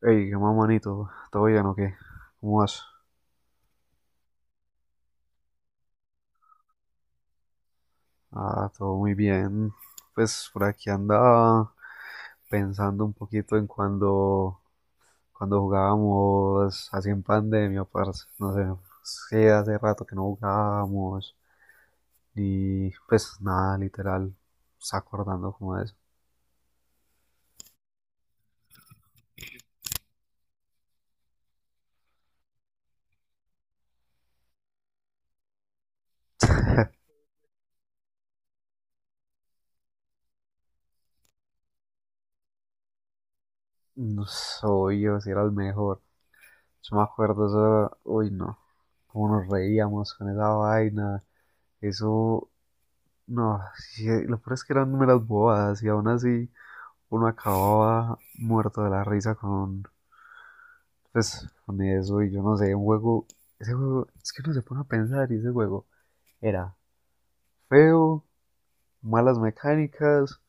Hey, qué más manito, ¿todo bien o qué? ¿Cómo vas? Ah, todo muy bien. Pues por aquí andaba pensando un poquito en cuando jugábamos así en pandemia, parce. No sé, sí, hace rato que no jugábamos. Y pues nada, literal, se acordando como de eso. No soy yo si era el mejor. Yo me acuerdo eso, uy no, cómo nos reíamos con esa vaina. Eso, no, sí, lo peor es que eran números bobadas y aún así uno acababa muerto de la risa con, pues, con eso y yo no sé, un juego, ese juego, es que uno se pone a pensar y ese juego era feo, malas mecánicas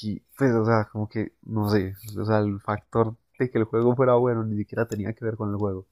y pues, o sea, como que, no sé, o sea, el factor de que el juego fuera bueno ni siquiera tenía que ver con el juego.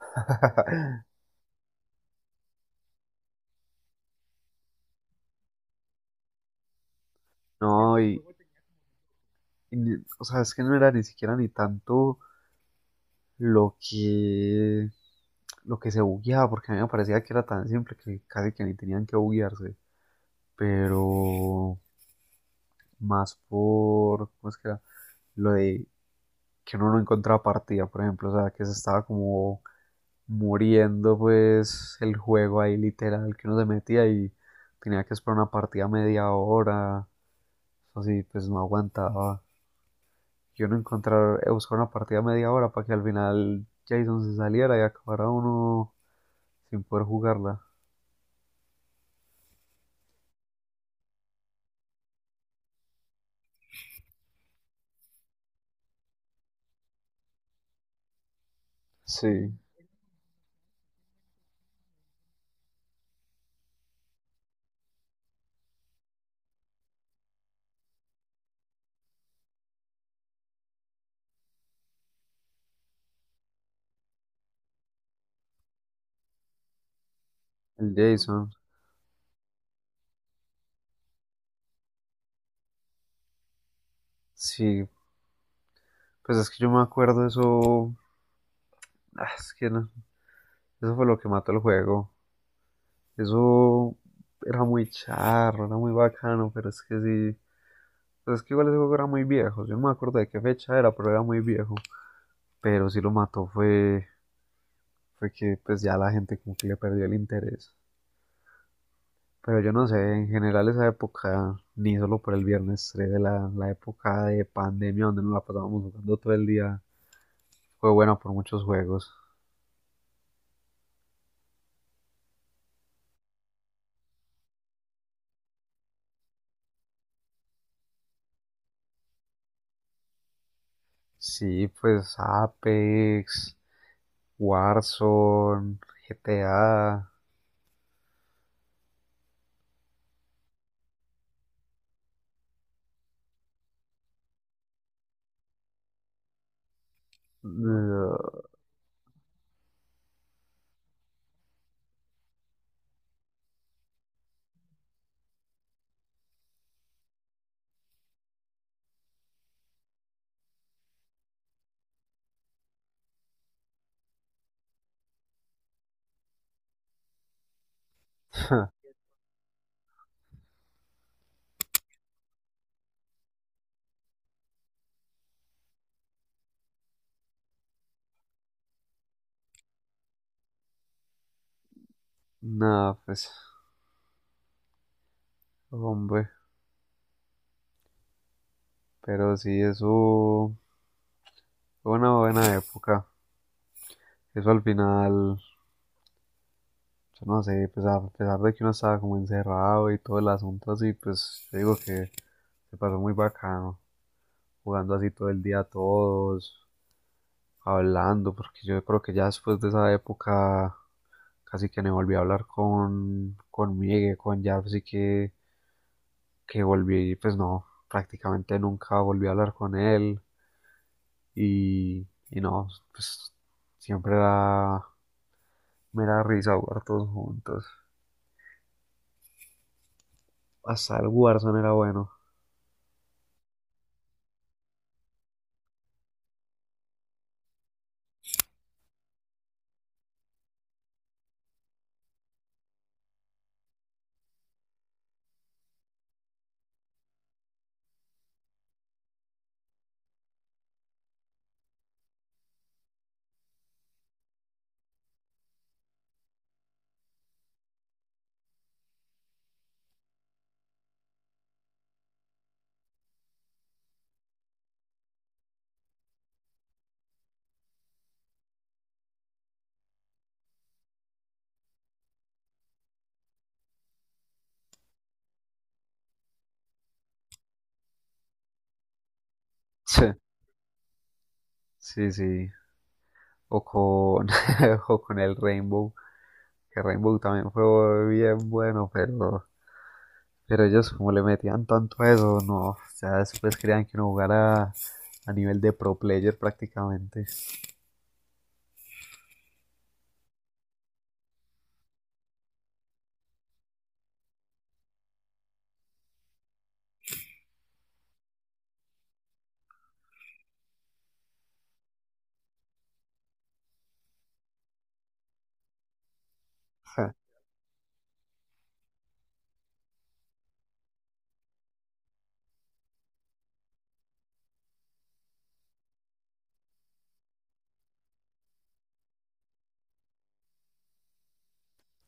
No, y, o sea, es que no era ni siquiera ni tanto lo que lo que se bugueaba, porque a mí me parecía que era tan simple que casi que ni tenían que buguearse, pero más por, ¿cómo es que era? Lo de que uno no encontraba partida, por ejemplo, o sea, que se estaba como muriendo pues el juego ahí literal, que uno se metía y tenía que esperar una partida media hora, así, pues no aguantaba. Yo no encontrar, buscar una partida media hora para que al final Jason se saliera y acabara uno sin poder jugarla. Sí, el Jason. Sí, pues es que yo me acuerdo eso. Ah, es que no, eso fue lo que mató el juego. Eso era muy charro, era muy bacano, pero es que sí. Pues es que igual ese juego era muy viejo. Yo no me acuerdo de qué fecha era, pero era muy viejo. Pero sí lo mató fue, fue que pues ya la gente como que le perdió el interés. Pero yo no sé, en general esa época, ni solo por el viernes 13, la época de pandemia donde nos la pasábamos jugando todo el día, fue buena por muchos juegos. Sí, pues Apex, Warzone, GTA. Nada, pues, hombre, pero sí, eso fue una buena época. Eso al final, yo no sé, pues a pesar de que uno estaba como encerrado y todo el asunto así, pues yo digo que se pasó muy bacano, jugando así todo el día todos, hablando, porque yo creo que ya después de esa época casi que no volví a hablar con Miguel, con Jarvis, así que volví, pues no, prácticamente nunca volví a hablar con él y no, pues siempre era mera risa jugar todos juntos. Hasta el Warzone era bueno. Sí, sí, sí. O con, o con el Rainbow, que Rainbow también fue bien bueno, pero ellos como le metían tanto a eso, no, o sea, después querían que uno jugara a nivel de pro player prácticamente. Ja.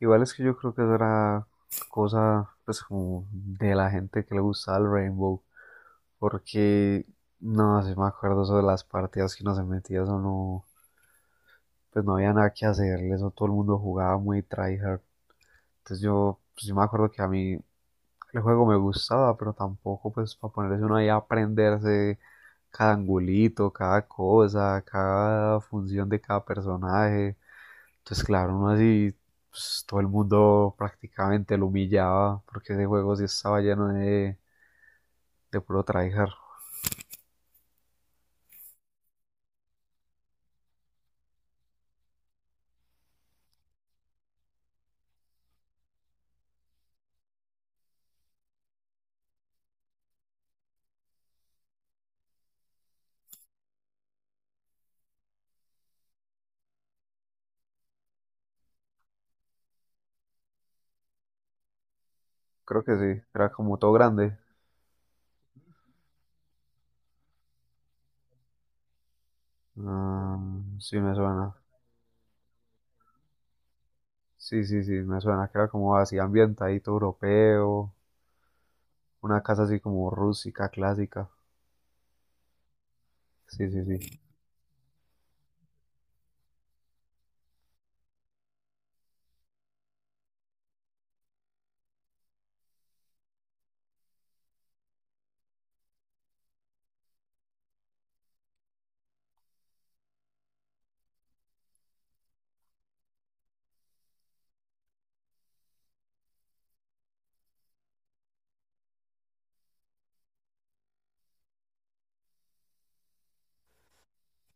Igual es que yo creo que eso era cosa pues como de la gente que le gustaba el Rainbow, porque no, si me acuerdo eso de las partidas que uno se metía, eso no, pues no había nada que hacerle, eso todo el mundo jugaba muy tryhard. Entonces yo, pues yo me acuerdo que a mí el juego me gustaba, pero tampoco pues para ponerse uno ahí a aprenderse cada angulito, cada cosa, cada función de cada personaje. Entonces claro, uno así, pues todo el mundo prácticamente lo humillaba porque ese juego sí estaba lleno de puro tryhard. Creo que sí, era como todo grande. Ah, sí me suena. Sí, sí, sí, me suena que era como así ambientadito europeo, una casa así como rústica, clásica. Sí, sí, sí.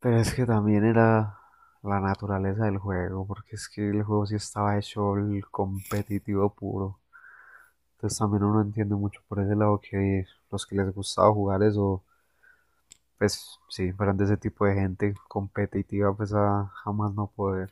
Pero es que también era la naturaleza del juego, porque es que el juego sí estaba hecho el competitivo puro. Entonces también uno entiende mucho por ese lado que los que les gustaba jugar eso, pues sí, eran de ese tipo de gente competitiva, pues a jamás no poder.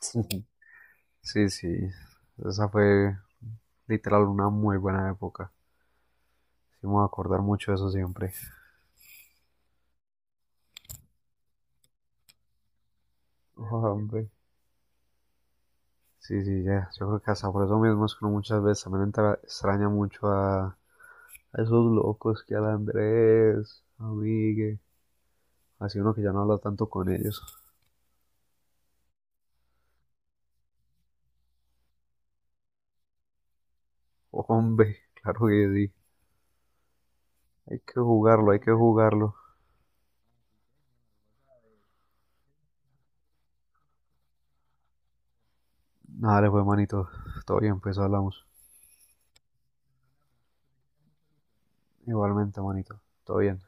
Sí, sí, esa fue literal una muy buena época. Sí, me voy a acordar mucho de eso siempre. Hombre. Sí, sí, ya. Yo creo que hasta por eso mismo es que uno muchas veces también extraña mucho a esos locos que al Andrés, a Migue, así uno que ya no habla tanto con ellos. Hombre, claro que sí. Hay que jugarlo, hay que jugarlo. Nada, le fue manito. Todo bien, pues hablamos. Igualmente, manito. Todo bien.